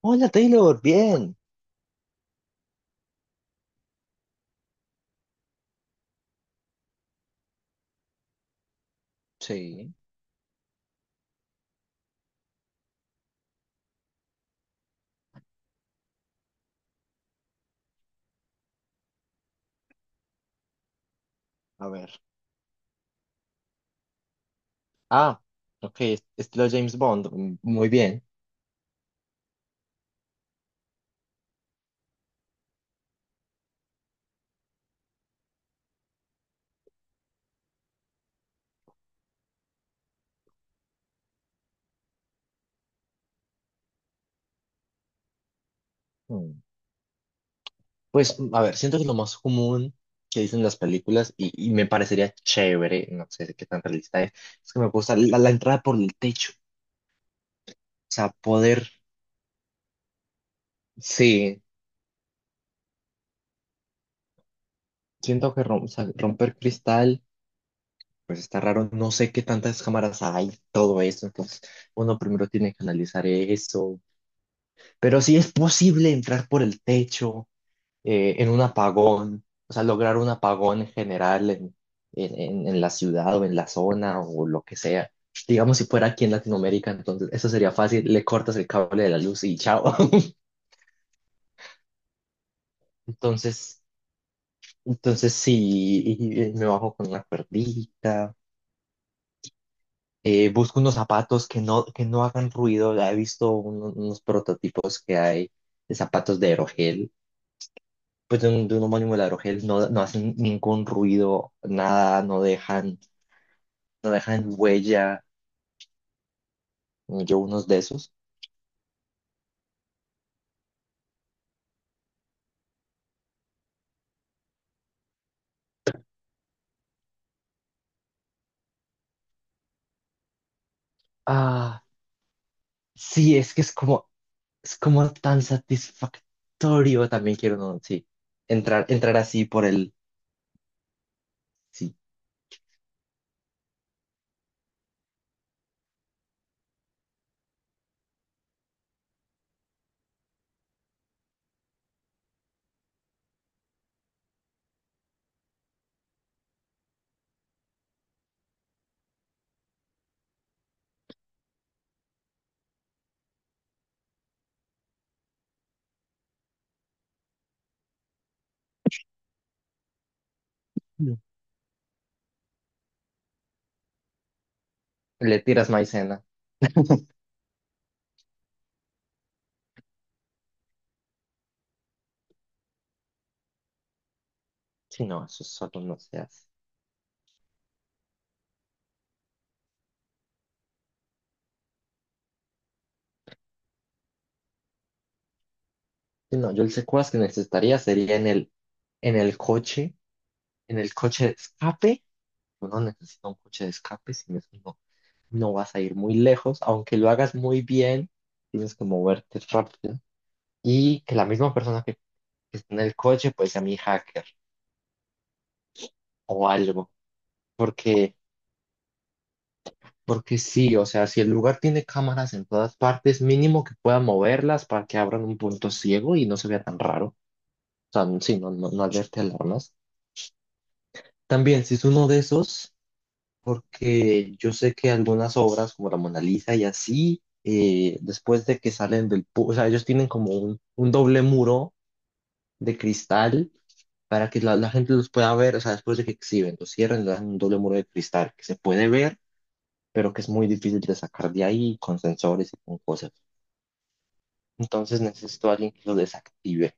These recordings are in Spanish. Hola Taylor, bien. Sí. A ver. Ah, ok, estilo James Bond, mm, muy bien. Mm. Pues, a ver, siento que lo más común que dicen las películas, y me parecería chévere, no sé qué tan realista es que me gusta la entrada por el techo. O sea, poder, sí, siento que o sea, romper cristal, pues está raro, no sé qué tantas cámaras hay, todo eso, entonces uno primero tiene que analizar eso. Pero sí es posible entrar por el techo. En un apagón, o sea, lograr un apagón en general en la ciudad o en la zona o lo que sea. Digamos, si fuera aquí en Latinoamérica, entonces eso sería fácil, le cortas el cable de la luz y chao. Entonces, entonces sí, y me bajo con una cuerdita, busco unos zapatos que no hagan ruido, ya he visto unos prototipos que hay de zapatos de aerogel, pues de de un homónimo de aerogel, no, no hacen ningún ruido, nada, no dejan huella, yo unos de esos. Ah, sí, es que es como tan satisfactorio. También quiero uno, sí. Entrar, entrar así por el, sí. No. Le tiras maicena. Sí, no, eso solo no se hace. Sí, no, yo el secuaz que necesitaría sería en el coche, en el coche de escape. Uno necesita un coche de escape, sin eso no, no vas a ir muy lejos, aunque lo hagas muy bien, tienes que moverte rápido. Y que la misma persona que está en el coche, pues a mi hacker o algo. Porque, porque sí, o sea, si el lugar tiene cámaras en todas partes, mínimo que pueda moverlas para que abran un punto ciego y no se vea tan raro. O sea, sí, no, no, no alerte alarmas. También, si es uno de esos, porque yo sé que algunas obras como la Mona Lisa y así, después de que salen O sea, ellos tienen como un doble muro de cristal para que la gente los pueda ver, o sea, después de que exhiben, los cierren, le dan un doble muro de cristal que se puede ver pero que es muy difícil de sacar de ahí con sensores y con cosas. Entonces necesito a alguien que lo desactive.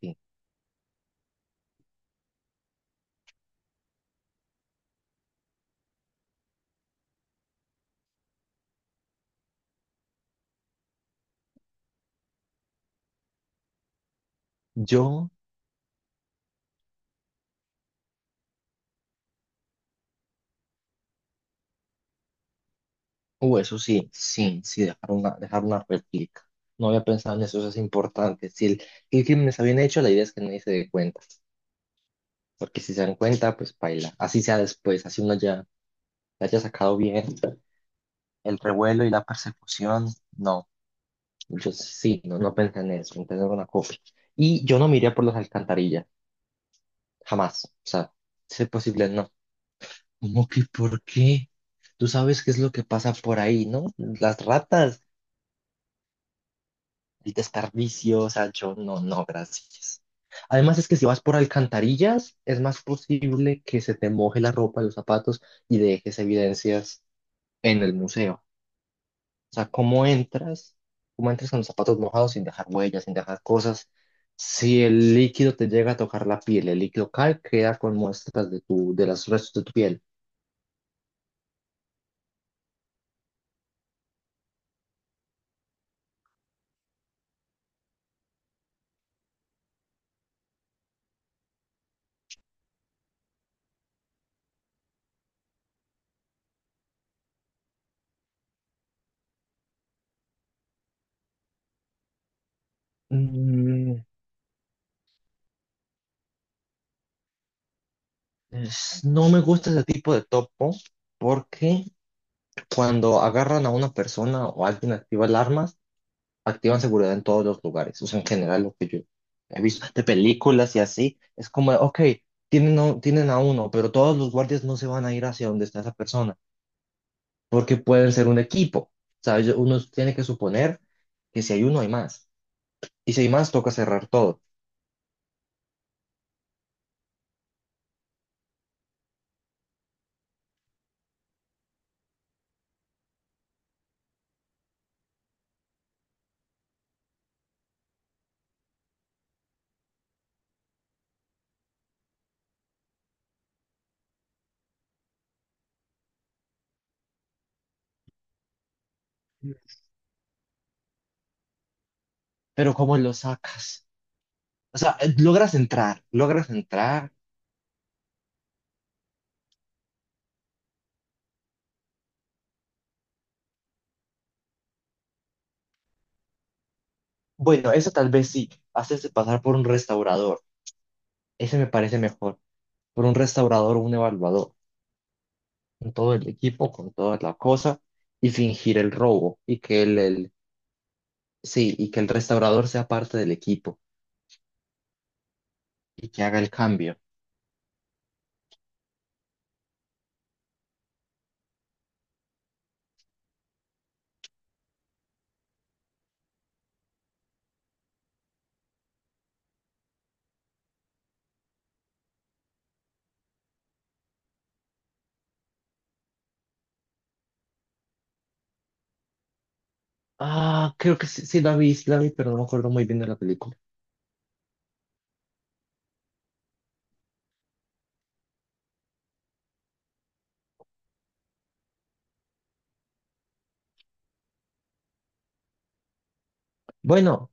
Sí. Yo, o eso sí, sí, sí, dejar una réplica. No había pensado en eso, eso es importante. Si el, El crimen está bien hecho, la idea es que nadie se dé cuenta. Porque si se dan cuenta, pues baila. Así sea después, así uno ya la haya sacado bien. El revuelo y la persecución, no. Yo sí, no, no pensé en eso, en tener una copia. Y yo no miraría por las alcantarillas, jamás. O sea, si es posible, no. ¿Cómo que por qué? Tú sabes qué es lo que pasa por ahí, ¿no? Las ratas, el desperdicio, o sea, yo no, no, gracias. Además es que si vas por alcantarillas, es más posible que se te moje la ropa, los zapatos y dejes evidencias en el museo. O sea, ¿cómo entras? ¿Cómo entras con los zapatos mojados sin dejar huellas, sin dejar cosas? Si el líquido te llega a tocar la piel, el líquido cae, queda con muestras de tu, de los restos de tu piel. Mm, Es- no me gusta ese tipo de topo porque cuando agarran a una persona o alguien activa alarmas, activan seguridad en todos los lugares. O sea, en general lo que yo he visto de películas y así, es como, ok, tienen a uno, pero todos los guardias no se van a ir hacia donde está esa persona porque pueden ser un equipo. ¿Sabes? Uno tiene que suponer que si hay uno, hay más. Y si hay más, toca cerrar todo. Pero ¿cómo lo sacas? O sea, logras entrar. Bueno, eso tal vez sí, hacerse pasar por un restaurador. Ese me parece mejor. Por un restaurador o un evaluador. Con todo el equipo, con toda la cosa, y fingir el robo. Y sí, y que el restaurador sea parte del equipo y que haga el cambio. Ah, creo que sí, sí la vi, pero no me acuerdo muy bien de la película. Bueno,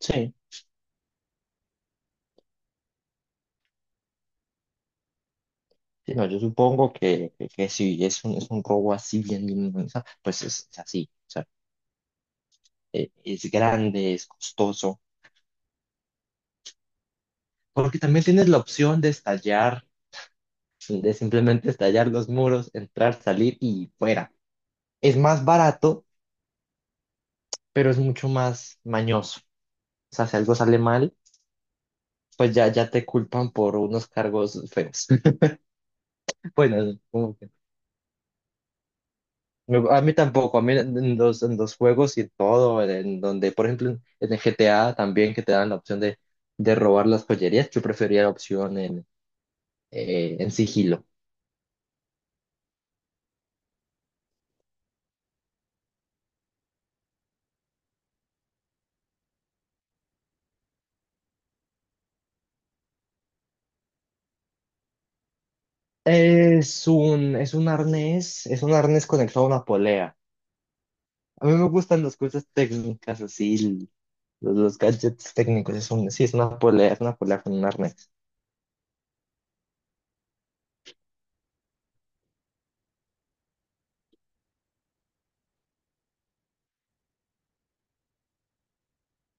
sí. Sí, no, yo supongo que si es un, es un robo así bien, bien, bien, o sea, pues es así. O sea, es grande, es costoso. Porque también tienes la opción de estallar, de simplemente estallar los muros, entrar, salir y fuera. Es más barato, pero es mucho más mañoso. O sea, si algo sale mal, pues ya, ya te culpan por unos cargos feos. Bueno, como que- a mí tampoco, a mí en los juegos y todo, en donde, por ejemplo, en el GTA también que te dan la opción de robar las joyerías, yo prefería la opción en sigilo. Es un arnés conectado a una polea. A mí me gustan las cosas técnicas, así, l- los gadgets técnicos. Es un, sí, es una polea con un arnés.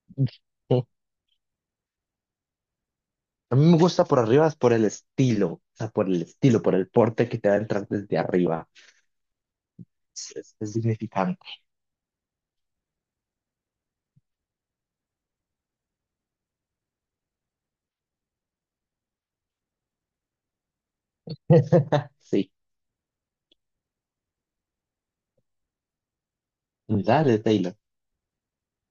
A mí me gusta por arriba, es por el estilo, o sea, por el estilo, por el porte que te va a entrar desde arriba. Es significante. Sí, dale, Taylor.